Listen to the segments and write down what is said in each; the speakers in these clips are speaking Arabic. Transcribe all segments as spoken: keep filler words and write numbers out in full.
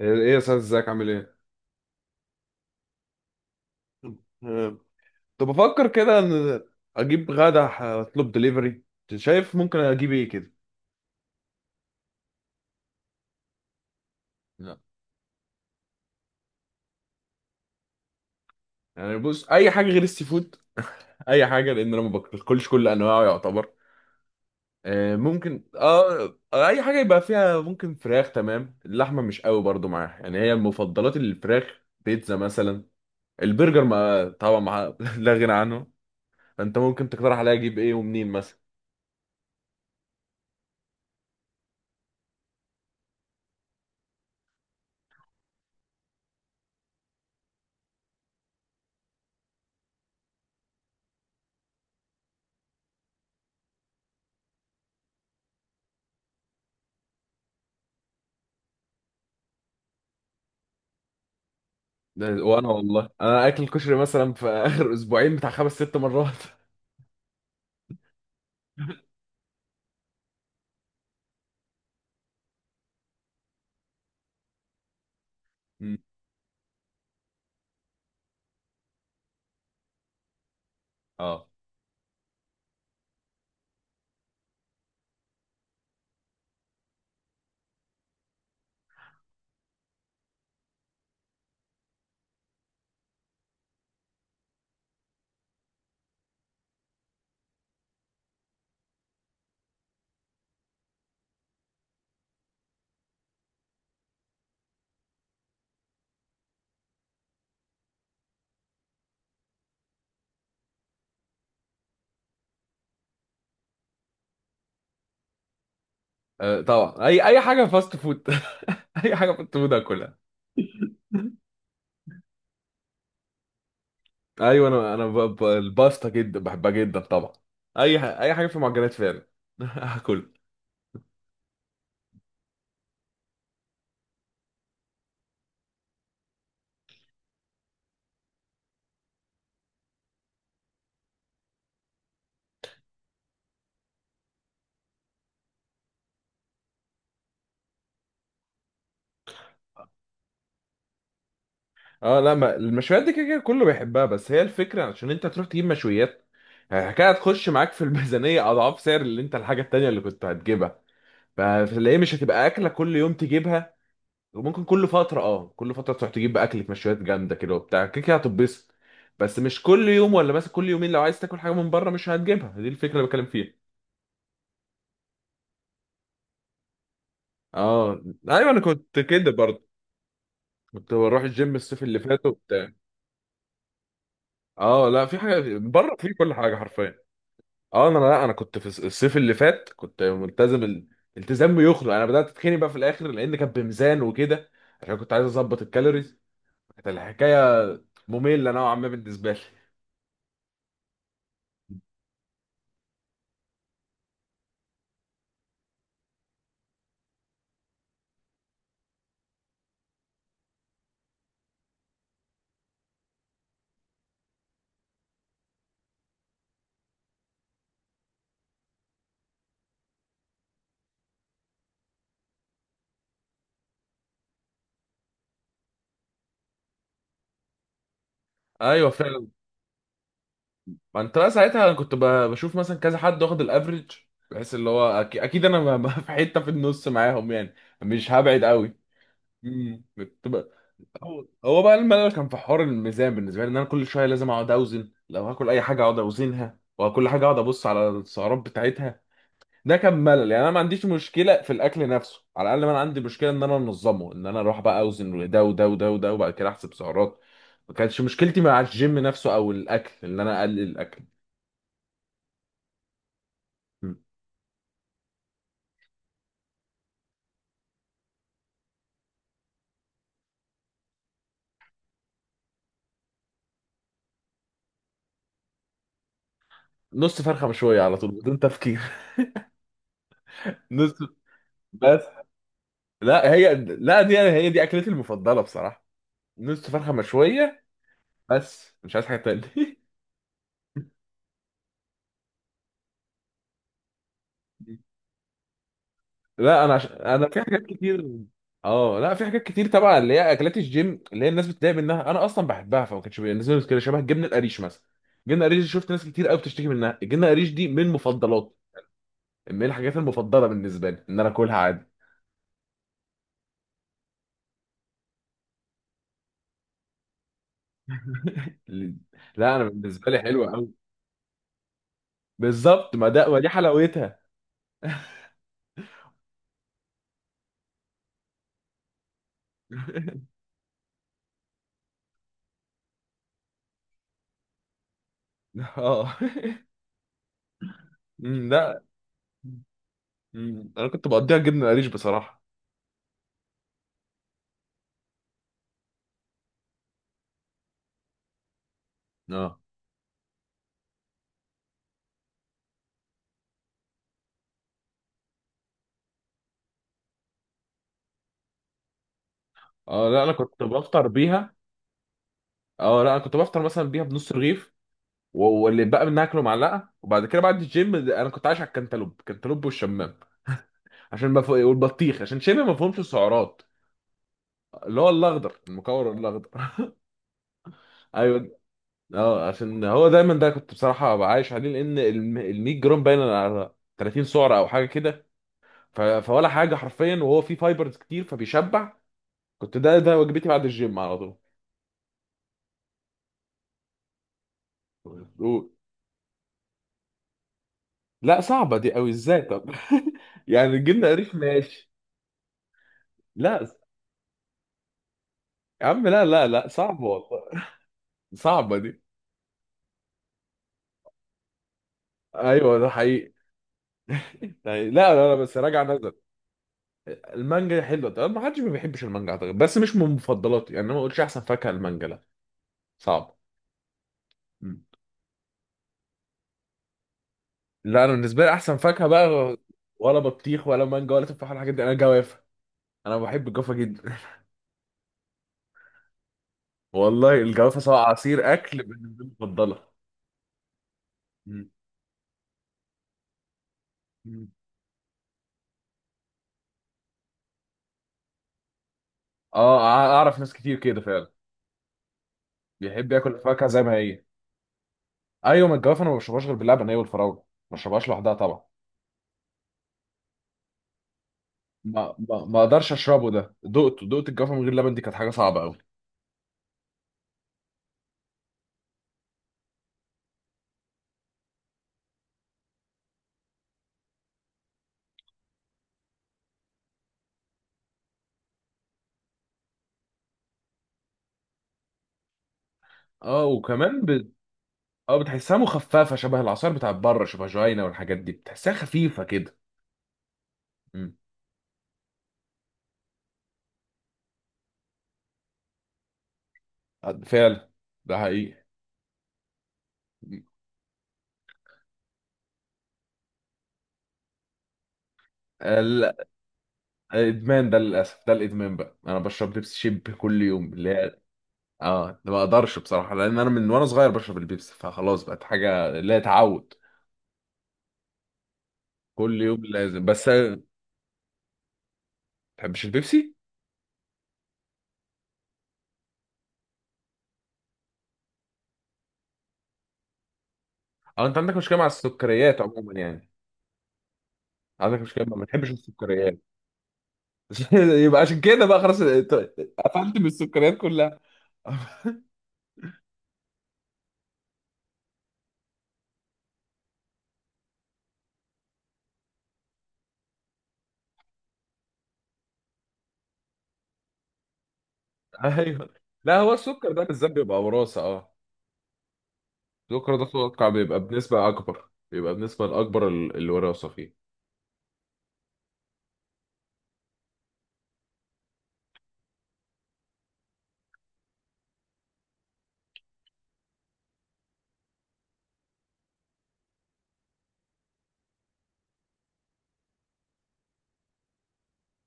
ايه يا استاذ ازيك عامل ايه؟ أه، كنت بفكر كده ان اجيب غدا ح- اطلب دليفري. شايف ممكن اجيب ايه كده؟ لا. يعني بص اي حاجه غير السي فود. اي حاجه، لان انا ما باكلش كل انواعه يعتبر. أه، ممكن اه اي حاجه يبقى فيها، ممكن فراخ، تمام، اللحمه مش قوي برضو معاها، يعني هي مفضلات الفراخ، بيتزا مثلا، البرجر ما طبعا ما لا غنى عنه. انت ممكن تقترح عليا اجيب ايه ومنين مثلا؟ ده وانا والله انا اكل الكشري مثلا في اخر اسبوعين بتاع خمس ست مرات. مم. اه، آه، طبعا اي اي حاجه فاست فود. اي حاجه فاست فود اكلها. ايوه انا انا ب... ب... الباستا جدا بحبها جدا طبعا. اي ح... اي حاجه في معجنات فعلا. هاكل. اه لا، ما المشويات دي كده كده كله بيحبها، بس هي الفكره عشان انت تروح تجيب مشويات، الحكايه هتخش معاك في الميزانيه اضعاف سعر اللي انت الحاجه التانيه اللي كنت هتجيبها، فتلاقيه مش هتبقى اكله كل يوم تجيبها. وممكن كل فترة، اه كل فترة تروح تجيب بقى أكلة مشويات جامدة كده وبتاع، كده كده هتتبسط. بس مش كل يوم ولا مثلا كل يومين لو عايز تاكل حاجة من بره مش هتجيبها، دي الفكرة اللي بتكلم فيها. اه ايوه انا كنت كده برضه، كنت بروح الجيم الصيف اللي فات وبتاع. اه لا، في حاجة بره، في كل حاجة حرفيا. اه انا، لا انا كنت في الص- الصيف اللي فات كنت ملتزم ال... التزام يخلق. انا بدأت اتخني بقى في الاخر لان كان بميزان وكده، عشان كنت عايز اظبط الكالوريز. كانت الحكاية مملة نوعا ما بالنسبة لي. ايوه فعلا. ما انت بقى ساعتها انا كنت ب- بشوف مثلا كذا حد واخد الافريج، بحيث اللي هو أكي- اكيد انا ب- ب- في حته في النص معاهم يعني، مش هبعد قوي. امم كنت بقى، هو هو بقى الملل كان في حوار الميزان بالنسبه لي، ان انا كل شويه لازم اقعد اوزن، لو هاكل اي حاجه اقعد اوزنها، وكل حاجه اقعد ابص على السعرات بتاعتها. ده كان ملل، يعني انا ما عنديش مشكله في الاكل نفسه على الاقل، ما انا عندي مشكله ان انا انظمه، ان انا اروح بقى اوزن ده وده وده وده وبعد كده احسب سعرات. ما كانتش مشكلتي مع الجيم نفسه او الاكل ان انا اقلل الاكل. نص فرخه مشويه على طول بدون تفكير. نص. بس. لا هي، لا دي أنا هي دي اكلتي المفضله بصراحه، نص فرخه مشويه بس، مش عايز حاجه تانية. لا انا عش... انا في حاجات كتير. اه لا في حاجات كتير طبعا، اللي هي اكلات الجيم اللي هي الناس بتتضايق منها انا اصلا بحبها، فما كانش بالنسبه لي مشكله، شبه الجبنه القريش مثلا. الجبنه القريش دي شفت ناس كتير قوي بتشتكي منها، الجبنه القريش دي من مفضلات، من الحاجات المفضله بالنسبه لي ان انا اكلها عادي. لا انا بالنسبه لي حلوه قوي. بالظبط، ما ده ما دي حلاوتها. اه. أمم، لا. أمم، انا كنت بقضيها جبنه قريش بصراحه. اه اه، لا انا كنت بفطر بيها. اه لا انا كنت بفطر مثلا بيها بنص رغيف. و- واللي بقى منها اكله معلقه، وبعد كده بعد الجيم ده- انا كنت عايش على الكنتالوب، الكنتالوب والشمام، عشان ما فوق، والبطيخ عشان شبه ما فيهمش السعرات. اللي هو الاخضر المكور الاخضر. ايوه. اه عشان هو دايما ده كنت بصراحه ببقى عايش عليه، لان ال مية جرام باين على ثلاثين سعره او حاجه كده، ف- فولا حاجه حرفيا، وهو فيه فايبرز كتير فبيشبع. كنت ده ده وجبتي بعد الجيم على طول. و- لا صعبة دي قوي ازاي طب؟ يعني جبنا قريش ماشي، لا يا عم، لا لا لا صعبة والله، صعبة دي. ايوه ده حقيقي. يعني لا لا لا، بس راجع نزل. المانجا حلوة، طب ما حدش ما بيحبش المانجا اعتقد، بس مش من مفضلاتي، يعني انا ما اقولش احسن فاكهة المانجا، لا، صعب. مم. لا انا بالنسبة لي احسن فاكهة بقى، ولا بطيخ ولا مانجا ولا تفاح ولا الحاجات دي، انا جوافة. انا بحب الجوافة جدا. والله الجوافة سواء عصير اكل بالنسبة لي مفضلة. مم. اه اعرف ناس كتير كده فعلا، بيحب ياكل الفاكهه زي ما هي. ايوه من الجوافه انا ما بشربهاش غير باللبن، هي والفراوله. ما بشربهاش لوحدها طبعا. ما ما ما اقدرش اشربه، ده دقته دقت الجوافه من غير لبن دي كانت حاجه صعبه قوي. اه وكمان ب... اه بتحسها مخففه شبه العصير بتاع بره، شبه جوينا والحاجات دي بتحسها خفيفه كده. امم فعلا، ده حقيقي. ال- الادمان ده للاسف، ده الادمان بقى، انا بشرب بيبسي شيب كل يوم لا. اه ده ما اقدرش بصراحه لان انا من وانا صغير بشرب البيبسي فخلاص بقت حاجه لا تعود، كل يوم لازم، بس ما بتحبش البيبسي. اه انت عندك مشكله مع السكريات عموما يعني، عندك مشكله ما بتحبش السكريات. يبقى عشان كده بقى خلاص قفلت من السكريات كلها. ايوه. لا هو السكر ده بالذات بيبقى وراثه. اه السكر ده اتوقع بيبقى بنسبه اكبر، بيبقى بنسبه الاكبر ال- الوراثه فيه.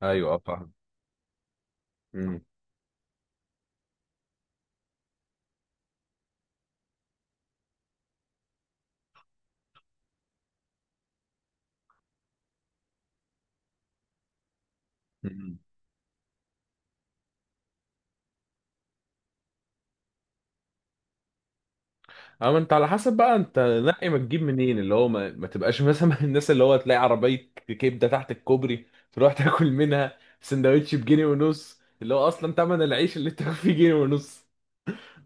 ايوه اه فاهم. مم. اه ما انت على حسب بقى انت نقي ما تجيب منين، اللي هو ما, ما تبقاش مثلا من الناس اللي هو تلاقي عربية كبدة تحت الكوبري تروح تاكل منها سندوتش بجنيه ونص، اللي هو اصلا تمن العيش اللي انت فيه جنيه ونص.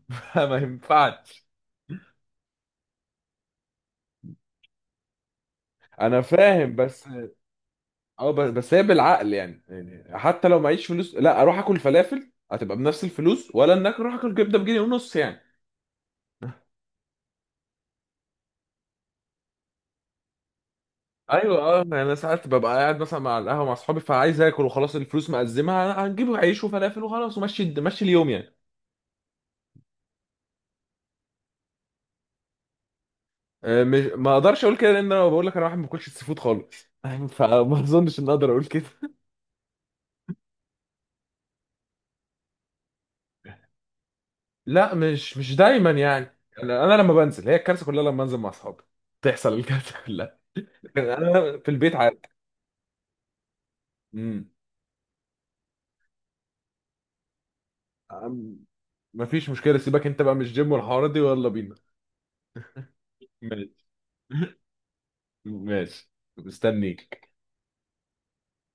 ما ينفعش. انا فاهم بس، اه ب- بس هي بالعقل يعني. يعني حتى لو معيش فلوس لا اروح اكل فلافل هتبقى بنفس الفلوس، ولا انك اروح اكل كبدة بجنيه ونص يعني. ايوه اه، يعني انا ساعات ببقى قاعد مثلا مع القهوه مع اصحابي فعايز اكل وخلاص، الفلوس مقزمه هنجيب عيش وفلافل وخلاص، ومشي مشي اليوم يعني. آه، مش، ما اقدرش اقول كده، لان انا بقول لك انا واحد ما باكلش السي فود خالص، فما اظنش ان اقدر اقول كده. لا مش مش دايما يعني. انا أنا لما بنزل هي الكارثه كلها، لما انزل مع اصحابي تحصل الكارثه كلها. لكن انا في البيت عادي. امم. أم- مفيش مشكله، سيبك انت بقى مش جيم والحوارات دي، ويلا بينا. ماشي ماشي. مستنيك.